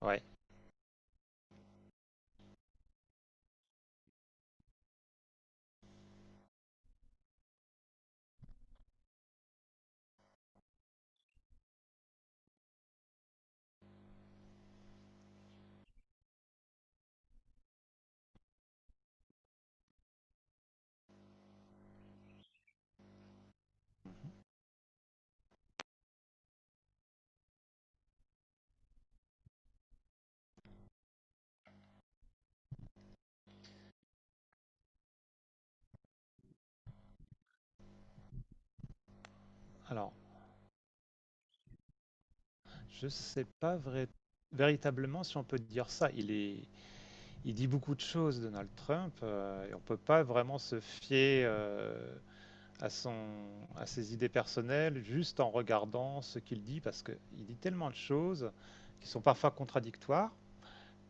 Ouais. Alors, je sais pas véritablement si on peut dire ça. Il dit beaucoup de choses, Donald Trump, et on peut pas vraiment se fier à son, à ses idées personnelles juste en regardant ce qu'il dit, parce que il dit tellement de choses qui sont parfois contradictoires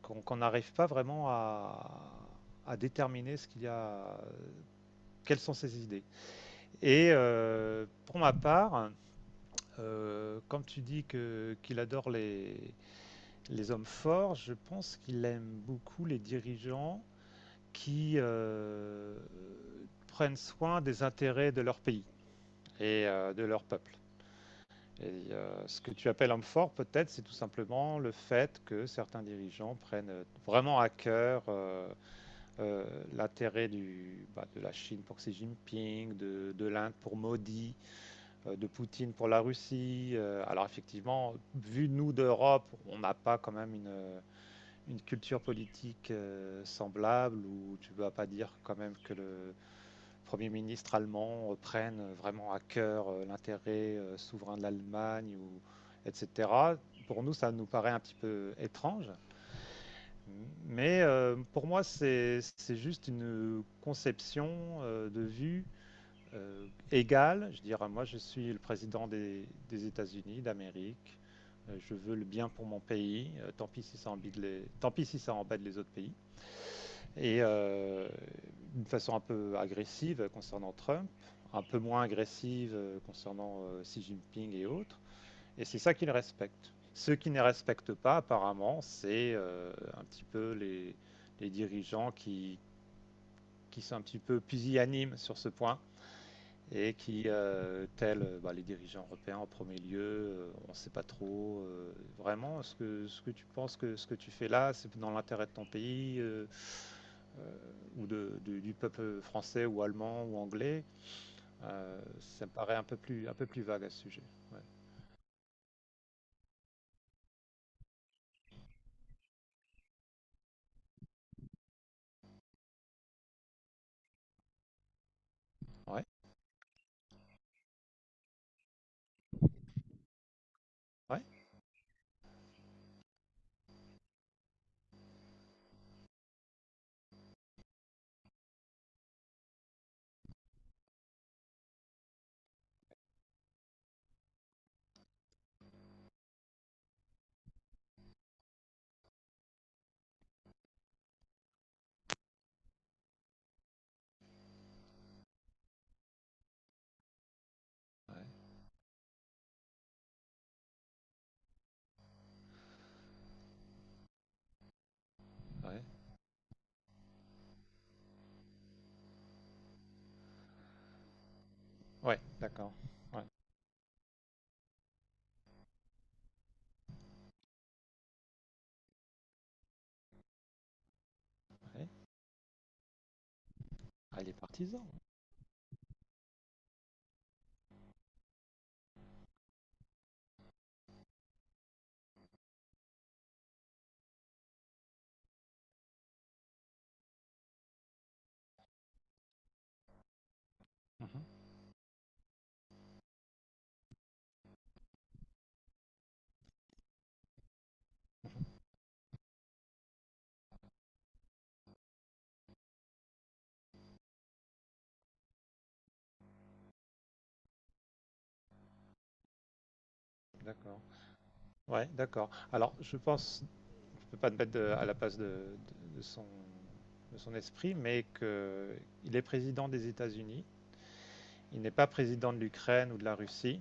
qu'on n'arrive pas vraiment à déterminer ce qu'il y a, quelles sont ses idées. Et pour ma part, quand tu dis que qu'il adore les hommes forts, je pense qu'il aime beaucoup les dirigeants qui prennent soin des intérêts de leur pays et de leur peuple. Et ce que tu appelles homme fort, peut-être, c'est tout simplement le fait que certains dirigeants prennent vraiment à cœur euh, l'intérêt bah, de la Chine pour Xi Jinping, de l'Inde pour Modi, de Poutine pour la Russie. Alors effectivement, vu nous d'Europe, on n'a pas quand même une culture politique semblable où tu ne vas pas dire quand même que le Premier ministre allemand prenne vraiment à cœur l'intérêt souverain de l'Allemagne, ou, etc. Pour nous, ça nous paraît un petit peu étrange. Mais pour moi, c'est juste une conception de vue euh, égale. Je dirais, moi, je suis le président des États-Unis, d'Amérique. Je veux le bien pour mon pays. Tant pis si ça embête les, tant pis si ça embête les autres pays et d'une façon un peu agressive concernant Trump, un peu moins agressive concernant Xi Jinping et autres. Et c'est ça qu'ils respectent. Ceux qui ne respectent pas, apparemment, c'est un petit peu les dirigeants qui sont un petit peu pusillanimes sur ce point et qui, tels bah, les dirigeants européens en premier lieu, on ne sait pas trop vraiment ce que tu penses que ce que tu fais là, c'est dans l'intérêt de ton pays euh, ou de, du peuple français ou allemand ou anglais. Ça me paraît un peu plus vague à ce sujet. Ouais, ouais, ouais, ouais, ouais, ouais, d'accord. Ouais, ouais. Ah, les partisans. Mhm. D'accord. Ouais, d'accord. Alors, je pense ne peut pas te mettre à la place de, de son esprit, mais qu'il est président des États-Unis, il n'est pas président de l'Ukraine ou de la Russie,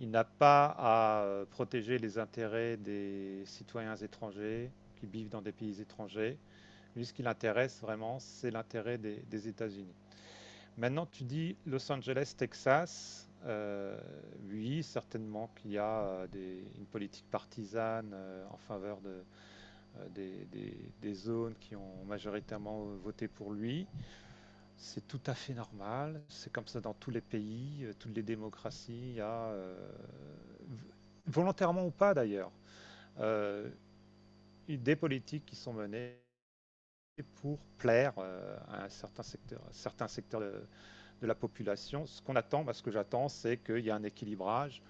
il n'a pas à protéger les intérêts des citoyens étrangers qui vivent dans des pays étrangers. Lui, ce qui l'intéresse vraiment, c'est l'intérêt des États-Unis. Maintenant, tu dis Los Angeles, Texas. Oui, certainement qu'il y a une politique partisane en faveur de, des, des zones qui ont majoritairement voté pour lui. C'est tout à fait normal. C'est comme ça dans tous les pays, toutes les démocraties. Il y a, volontairement ou pas d'ailleurs, euh, des politiques qui sont menées pour plaire à un certain secteur, à certains secteurs de la population. Ce qu'on attend, bah, ce que j'attends, c'est qu'il y a un équilibrage.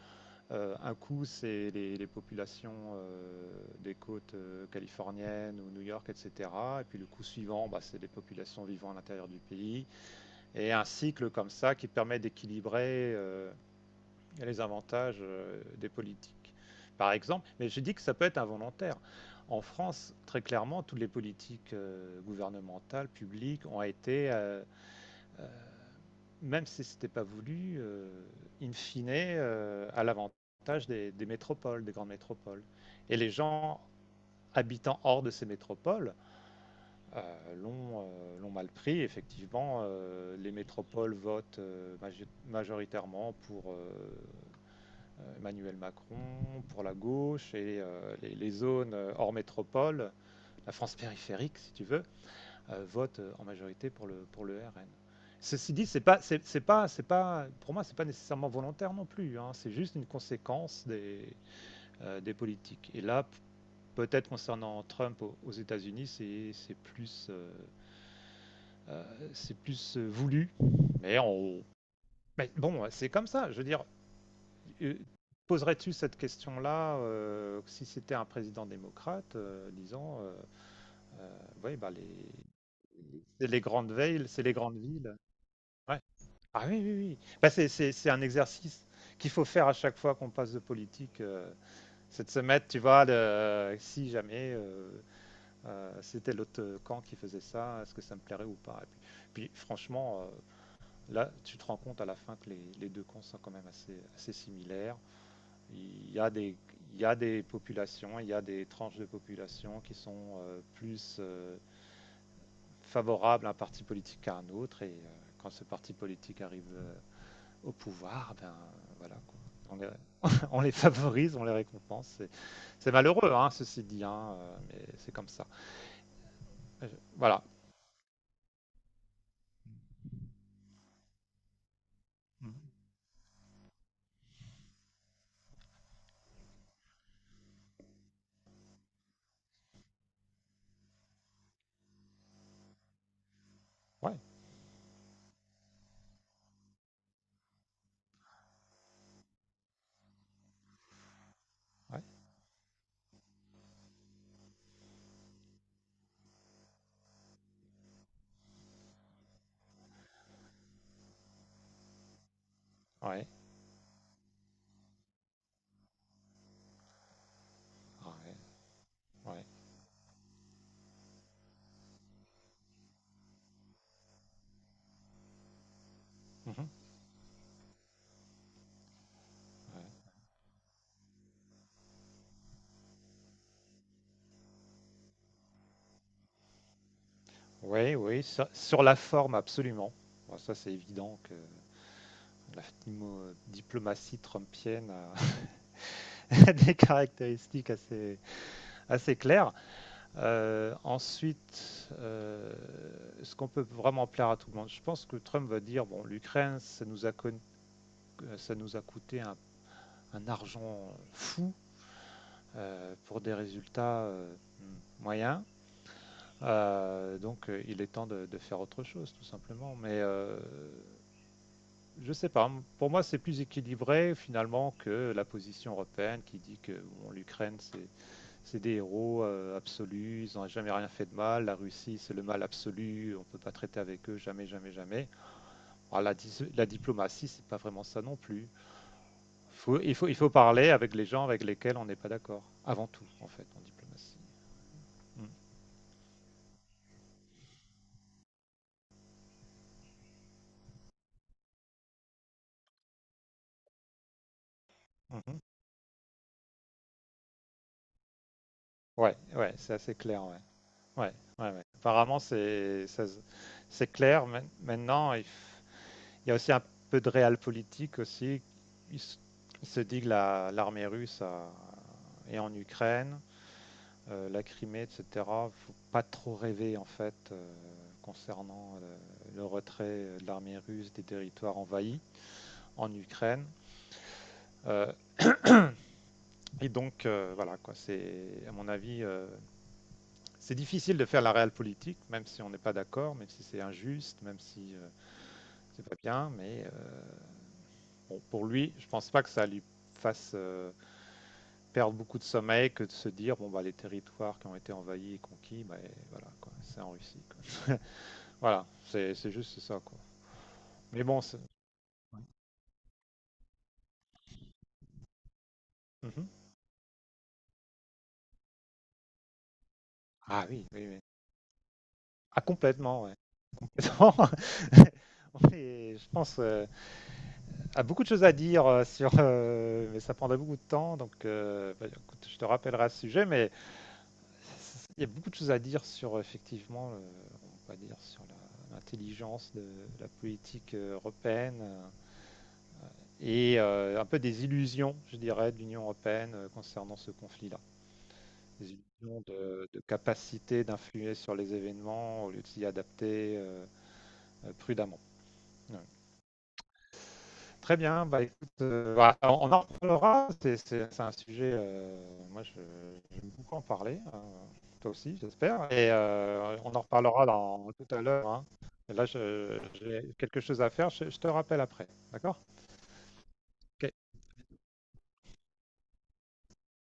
Un coup, c'est les populations, des côtes, californiennes ou New York et cetera, et puis le coup suivant, bah, c'est les populations vivant à l'intérieur du pays et un cycle comme ça qui permet d'équilibrer, les avantages, des politiques. Par exemple, mais j'ai dit que ça peut être involontaire. En France, très clairement, toutes les politiques, gouvernementales, publiques ont été, même si c'était pas voulu, in fine, à l'avantage des métropoles, des grandes métropoles. Et les gens habitant hors de ces métropoles l'ont mal pris. Effectivement, les métropoles votent majoritairement pour Emmanuel Macron, pour la gauche, et les zones hors métropole, la France périphérique si tu veux, votent en majorité pour le RN. Ceci dit, c'est pas, pour moi, c'est pas nécessairement volontaire non plus, hein. C'est juste une conséquence des politiques. Et là, peut-être concernant Trump aux États-Unis, c'est plus voulu. Mais on, mais bon, c'est comme ça. Je veux dire, euh, poserais-tu cette question-là si c'était un président démocrate, disant, ouais, bah les, c'est les grandes villes, c'est les grandes villes. Ouais. Ah oui, oui, oui. Bah, c'est un exercice qu'il faut faire à chaque fois qu'on passe de politique. C'est de se mettre, tu vois, si jamais c'était l'autre camp qui faisait ça, est-ce que ça me plairait ou pas? Et puis, puis, franchement, là, tu te rends compte à la fin que les deux camps sont quand même assez, assez similaires. Il y a des, il y a des populations, il y a des tranches de population qui sont plus favorables à un parti politique qu'à un autre. Et quand ce parti politique arrive au pouvoir, ben voilà, quoi. On, les, on les favorise, on les récompense. Malheureux, hein, ceci dit, hein, mais c'est comme ça. Euh, Voilà. Ouais, ouais, ouais, ouais, ouais. Mhm, ouais. Ouais, oui, sur, sur la forme, absolument. Bon, ça, c'est évident que la diplomatie trumpienne a des caractéristiques assez, assez claires. Ensuite, est-ce qu'on peut vraiment plaire à tout le monde? Je pense que Trump va dire, bon, l'Ukraine, ça nous a ça nous a coûté un argent fou pour des résultats moyens. Donc il est temps de, faire autre chose, tout simplement. Mais je sais pas. Pour moi, c'est plus équilibré finalement que la position européenne qui dit que bon, l'Ukraine c'est des héros absolus, ils n'ont jamais rien fait de mal. La Russie c'est le mal absolu, on ne peut pas traiter avec eux jamais, jamais, jamais. Alors, la diplomatie c'est pas vraiment ça non plus. Faut, il faut parler avec les gens avec lesquels on n'est pas d'accord, avant tout, en fait, en diplomatie. Mm. Mhm. Ouais, ouais, c'est assez clair, ouais. Ouais, ouais, ouais. Apparemment, c'est ça, c'est clair. Maintenant, il y a aussi un peu de réel politique aussi. Il, s- il se dit que l'armée russe est en Ukraine, la Crimée, etc. Faut pas trop rêver, en fait, concernant le retrait de l'armée russe des territoires envahis en Ukraine. Euh, Et donc, voilà, quoi, c'est, à mon avis, c'est difficile de faire la réelle politique, même si on n'est pas d'accord, même si c'est injuste, même si c'est pas bien. Mais bon, pour lui, je pense pas que ça lui fasse perdre beaucoup de sommeil que de se dire, bon, bah, les territoires qui ont été envahis et conquis, bah, et voilà, quoi, c'est en Russie, quoi. Voilà, c'est juste ça, quoi. Mais bon, c'est- Mhm. Ah oui, oui, oui. Ah, complètement, ouais. Complètement. On je pense. A beaucoup de choses à dire sur, mais ça prendrait beaucoup de temps, donc bah, écoute, je te rappellerai à ce sujet, mais il y a beaucoup de choses à dire sur effectivement, on va dire sur l'intelligence de la politique européenne et un peu des illusions, je dirais, de l'Union européenne concernant ce conflit-là. Des illusions de capacité d'influer sur les événements au lieu de s'y adapter prudemment. Ouais. Très bien, bah écoute, voilà, on en reparlera, c'est- un sujet, moi je- j'aime beaucoup en parler, toi aussi j'espère, et on en reparlera dans, tout à l'heure, hein. Et là j'ai quelque chose à faire, je te rappelle après, d'accord? Ok.